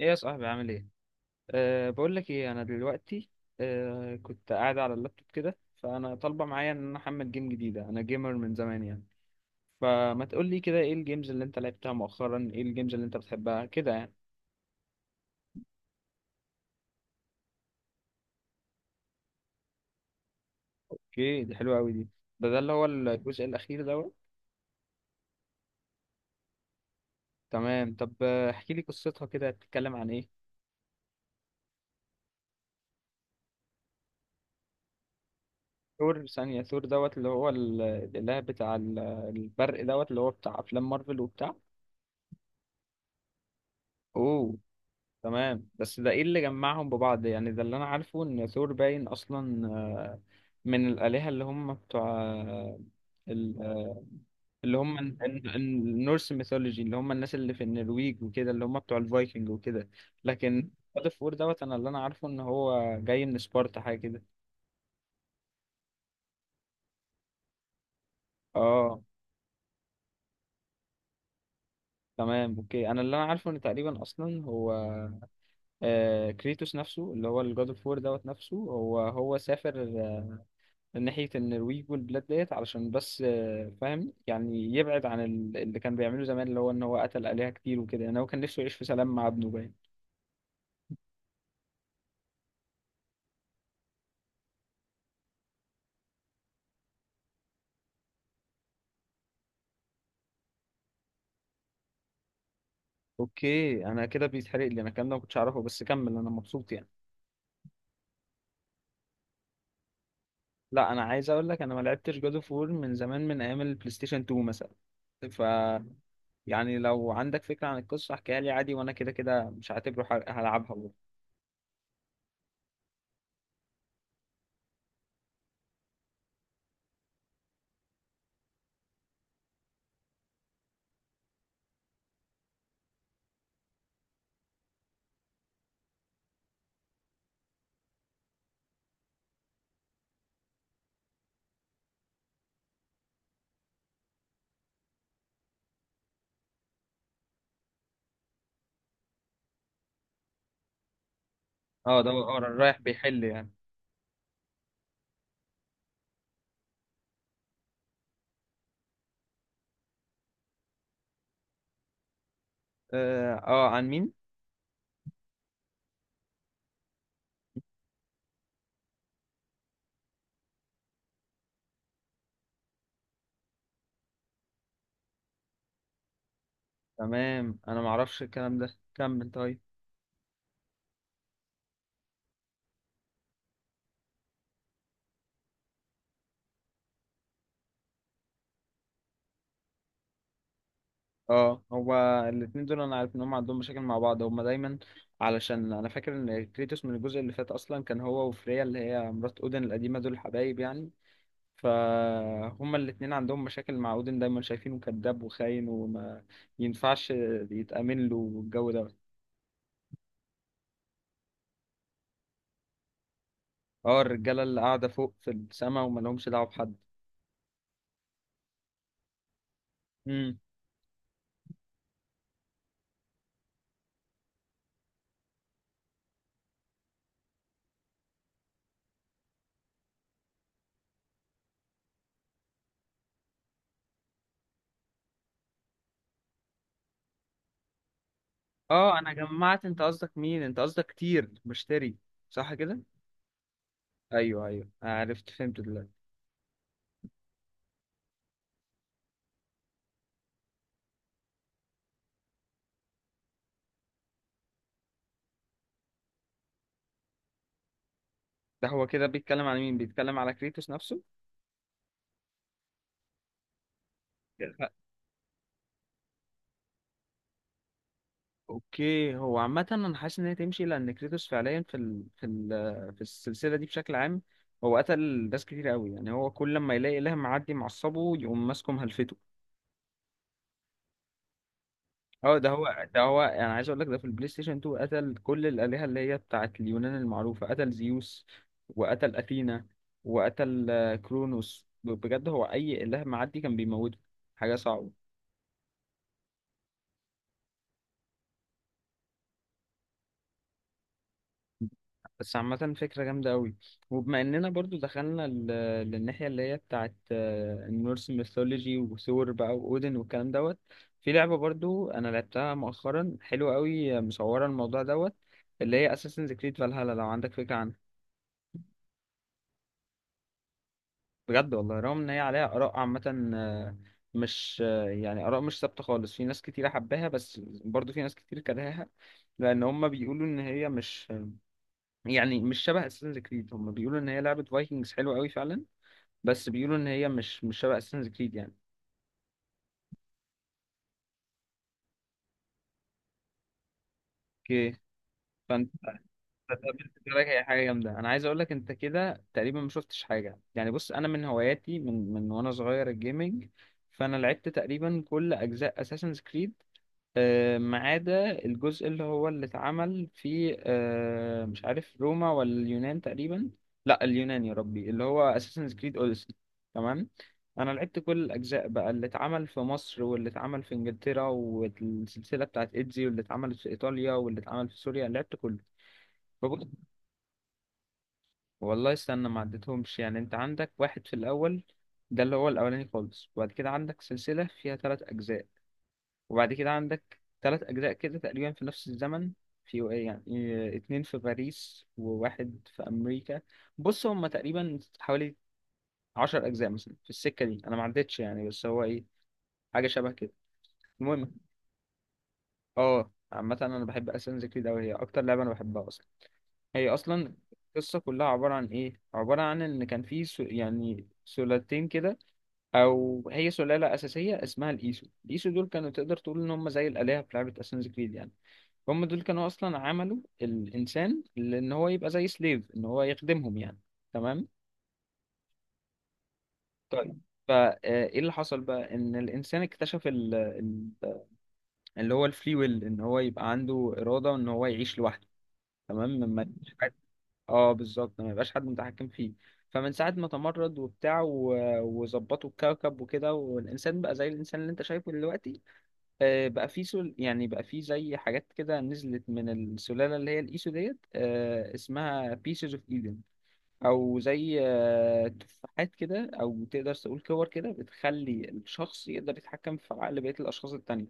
ايه يا صاحبي، عامل ايه؟ بقول لك ايه، انا دلوقتي. كنت قاعد على اللابتوب كده، فانا طالبه معايا ان انا احمل جيم جديده، انا جيمر من زمان يعني. فما تقول لي كده، ايه الجيمز اللي انت لعبتها مؤخرا؟ ايه الجيمز اللي انت بتحبها كده يعني؟ اوكي، دي حلوه قوي دي. ده اللي هو الجزء الاخير دوت. تمام، طب احكي لي قصتها كده، بتتكلم عن ايه؟ ثور؟ ثانيه، ثور دوت اللي هو الاله بتاع البرق دوت، اللي هو بتاع افلام مارفل وبتاع. اوه، تمام، بس ده ايه اللي جمعهم ببعض يعني؟ ده اللي انا عارفه ان ثور باين اصلا من الآلهة اللي هم بتوع ال- آه، اللي هم النورس ميثولوجي، اللي هم الناس اللي في النرويج وكده، اللي هم بتوع الفايكنج وكده. لكن God of War دوت، انا اللي انا عارفه ان هو جاي من سبارتا حاجة كده. اه، تمام، اوكي. انا اللي انا عارفه ان تقريبا اصلا هو كريتوس نفسه، اللي هو الجاد اوف وور دوت نفسه، هو سافر من ناحية النرويج والبلاد ديت علشان بس فاهم يعني، يبعد عن اللي كان بيعمله زمان، اللي هو ان هو قتل آلهة كتير وكده، يعني هو كان نفسه يعيش في سلام مع ابنه باين. اوكي، انا كده بيتحرق لي انا الكلام ده، ما كنتش اعرفه، بس كمل، انا مبسوط يعني. لا، انا عايز اقول لك، انا ما لعبتش جاد اوف وور من زمان، من ايام البلاي ستيشن 2 مثلا. ف يعني لو عندك فكرة عن القصة احكيها لي عادي، وانا كده كده مش هعتبره حرق، هلعبها برضه. اه، اه، رايح بيحل يعني. اه، عن مين؟ تمام، انا ما اعرفش الكلام ده، كمل طيب. اه، هو. الاتنين دول انا عارف ان هم عندهم مشاكل مع بعض، هم دايما، علشان انا فاكر ان كريتوس من الجزء اللي فات اصلا كان هو وفريا، اللي هي مرات اودن القديمه، دول حبايب يعني. فهما الاتنين عندهم مشاكل مع اودن، دايما شايفينه كذاب وخاين وما ينفعش يتأمن له، والجو ده. اه، الرجاله اللي قاعده فوق في السما وما لهمش دعوه بحد. امم. اه، انا جمعت. انت قصدك مين؟ انت قصدك كتير بشتري، صح كده؟ ايوه، ايوه، عرفت، فهمت دلوقتي. ده هو كده بيتكلم على مين؟ بيتكلم على كريتوس نفسه؟ لا. اوكي، هو عامة انا حاسس ان هي تمشي، لان كريتوس فعليا في السلسلة دي بشكل عام، هو قتل ناس كتير قوي، يعني هو كل ما يلاقي اله معدي معصبه يقوم ماسكه مهلفته. اه، ده هو انا عايز اقول لك، ده في البلاي ستيشن 2 قتل كل الالهة اللي هي بتاعت اليونان المعروفة، قتل زيوس، وقتل اثينا، وقتل كرونوس، بجد هو اي اله معدي كان بيموته. حاجة صعبة. بس عامة فكرة جامدة قوي. وبما اننا برضو دخلنا للناحية اللي هي بتاعت النورس ميثولوجي وثور بقى واودن والكلام دوت، في لعبة برضو انا لعبتها مؤخرا حلوة قوي، مصورة الموضوع دوت، اللي هي اساسنز كريد فالهالا، لو عندك فكرة عنها. بجد والله، رغم ان هي عليها اراء عامة مش يعني اراء مش ثابتة خالص، في ناس كتيرة حباها، بس برضو في ناس كتير كرهاها، لان هم بيقولوا ان هي مش، يعني مش شبه اساسنز كريد، هم بيقولوا ان هي لعبة فايكنجز حلوة قوي فعلا، بس بيقولوا ان هي مش شبه اساسنز كريد يعني. اوكي. فانت. قابلت بالك، هي حاجه جامده، انا عايز اقول لك، انت كده تقريبا ما شفتش حاجه يعني. بص انا من هواياتي من وانا صغير الجيمنج، فانا لعبت تقريبا كل اجزاء اساسنز كريد، ما عدا الجزء اللي هو اللي اتعمل في مش عارف روما ولا اليونان تقريبا. لا، اليونان، يا ربي، اللي هو اساسن كريد اوديسي. تمام. انا لعبت كل الاجزاء بقى، اللي اتعمل في مصر واللي اتعمل في انجلترا والسلسله بتاعت ايدزي واللي اتعملت في ايطاليا واللي اتعمل في سوريا، لعبت كله. فبص، والله استنى، ما عدتهمش يعني، انت عندك واحد في الاول، ده اللي هو الاولاني خالص، وبعد كده عندك سلسله فيها 3 اجزاء، وبعد كده عندك 3 أجزاء كده تقريبا في نفس الزمن، في، يعني، اتنين في باريس وواحد في أمريكا. بص هما تقريبا حوالي 10 أجزاء مثلا في السكة دي، أنا ما عدتش يعني، بس هو إيه، حاجة شبه كده. المهم، اه، عامة أنا بحب أساسنز كريد أوي، هي أكتر لعبة أنا بحبها أصلا. هي أصلا القصة كلها عبارة عن إيه؟ عبارة عن إن كان في يعني سلالتين كده، أو هي سلالة أساسية اسمها الإيسو. الإيسو دول كانوا، تقدر تقول إن هم زي الآلهة في لعبة أساسنز كريد يعني، هم دول كانوا اصلا عملوا الانسان، لان هو يبقى زي سليف، ان هو يخدمهم يعني. تمام، طيب. فايه اللي حصل بقى، ان الانسان اكتشف اللي هو الفري ويل، ان هو يبقى عنده اراده ان هو يعيش لوحده. تمام، ما يبقاش حد. اه بالظبط، ما يبقاش حد متحكم فيه. فمن ساعه ما تمرد وبتاع وظبطوا الكوكب وكده، والانسان بقى زي الانسان اللي انت شايفه دلوقتي. بقى في يعني بقى في زي حاجات كده نزلت من السلالة اللي هي الإيسو ديت، اسمها Pieces of Eden، أو زي تفاحات كده، أو تقدر تقول كور كده، بتخلي الشخص يقدر يتحكم في عقل بقية الأشخاص التانية.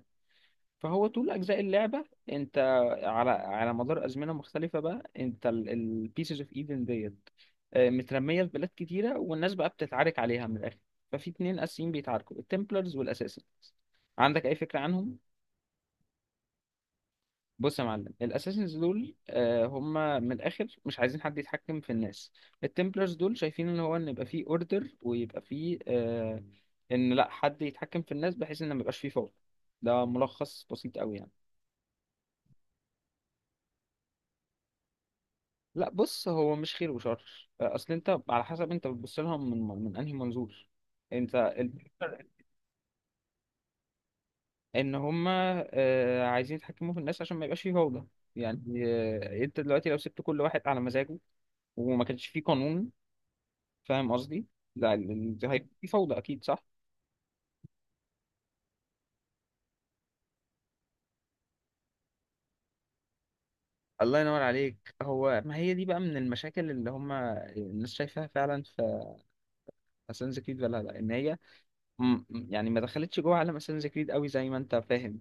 فهو طول أجزاء اللعبة، أنت، على مدار أزمنة مختلفة بقى، أنت Pieces of Eden ديت مترمية في بلاد كتيرة، والناس بقى بتتعارك عليها من الآخر. ففي اتنين أساسيين بيتعاركوا، التمبلرز والأساسن. عندك أي فكرة عنهم؟ بص يا معلم، الاساسنز دول هم من الاخر مش عايزين حد يتحكم في الناس. التمبلرز دول شايفين ان هو، ان يبقى فيه اوردر ويبقى فيه ان لا حد يتحكم في الناس، بحيث ان ما يبقاش فيه فوضى. ده ملخص بسيط قوي يعني. لا بص، هو مش خير وشر، اصل انت على حسب انت بتبص لها من انهي منظور. انت الفكرة، ان هم عايزين يتحكموا في الناس عشان ما يبقاش فيه فوضى. يعني انت دلوقتي لو سبت كل واحد على مزاجه، وما كانش فيه قانون، فاهم قصدي؟ لا، دي هيبقى في فوضى أكيد، صح؟ الله ينور عليك، هو ما هي دي بقى من المشاكل اللي هم الناس شايفاها فعلا في اساسنز كريد ولا لا، ان هي، يعني ما دخلتش جوه عالم اساسنز كريد قوي زي ما انت فاهم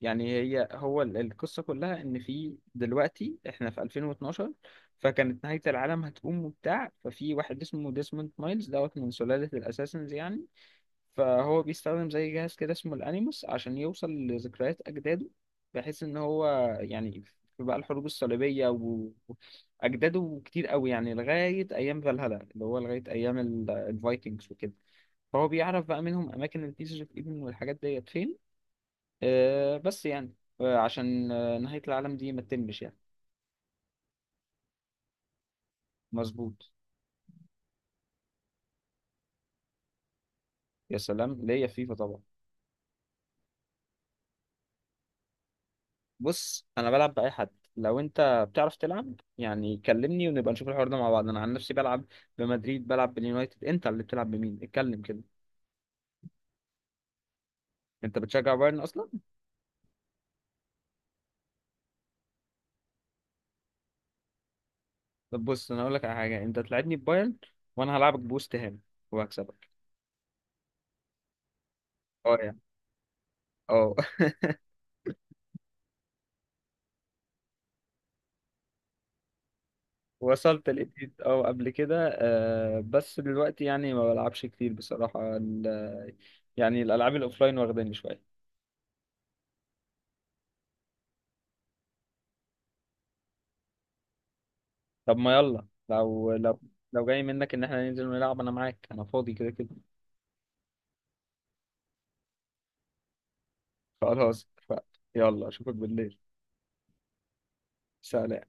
يعني. هي هو القصة كلها ان في دلوقتي احنا في 2012، فكانت نهاية العالم هتقوم وبتاع، ففي واحد اسمه ديسموند مايلز دوت من سلالة الاساسنز يعني، فهو بيستخدم زي جهاز كده اسمه الانيموس عشان يوصل لذكريات اجداده، بحيث ان هو، يعني، في بقى الحروب الصليبيه واجداده كتير قوي يعني، لغايه ايام فالهالا، اللي هو لغايه ايام الفايكنجز وكده، فهو بيعرف بقى منهم اماكن البيسز اوف ايفن والحاجات ديت فين، بس يعني، عشان نهايه العالم دي ما تتمش يعني. مظبوط. يا سلام، ليا فيفا طبعا. بص انا بلعب باي حد، لو انت بتعرف تلعب يعني، كلمني ونبقى نشوف الحوار ده مع بعض. انا عن نفسي بلعب بمدريد، بلعب باليونايتد. انت اللي بتلعب بمين؟ اتكلم كده. انت بتشجع بايرن اصلا؟ طب بص، انا اقول لك على حاجه، انت تلعبني ببايرن، وانا هلعبك بوست هام، وهكسبك. اه، يعني، اه وصلت لقيت اه قبل كده، بس دلوقتي يعني ما بلعبش كتير بصراحه يعني الالعاب الاوفلاين واخداني شويه. طب ما يلا، لو لو جاي منك ان احنا ننزل نلعب انا معاك، انا فاضي كده كده. خلاص اتفقنا. يلا اشوفك بالليل. سلام.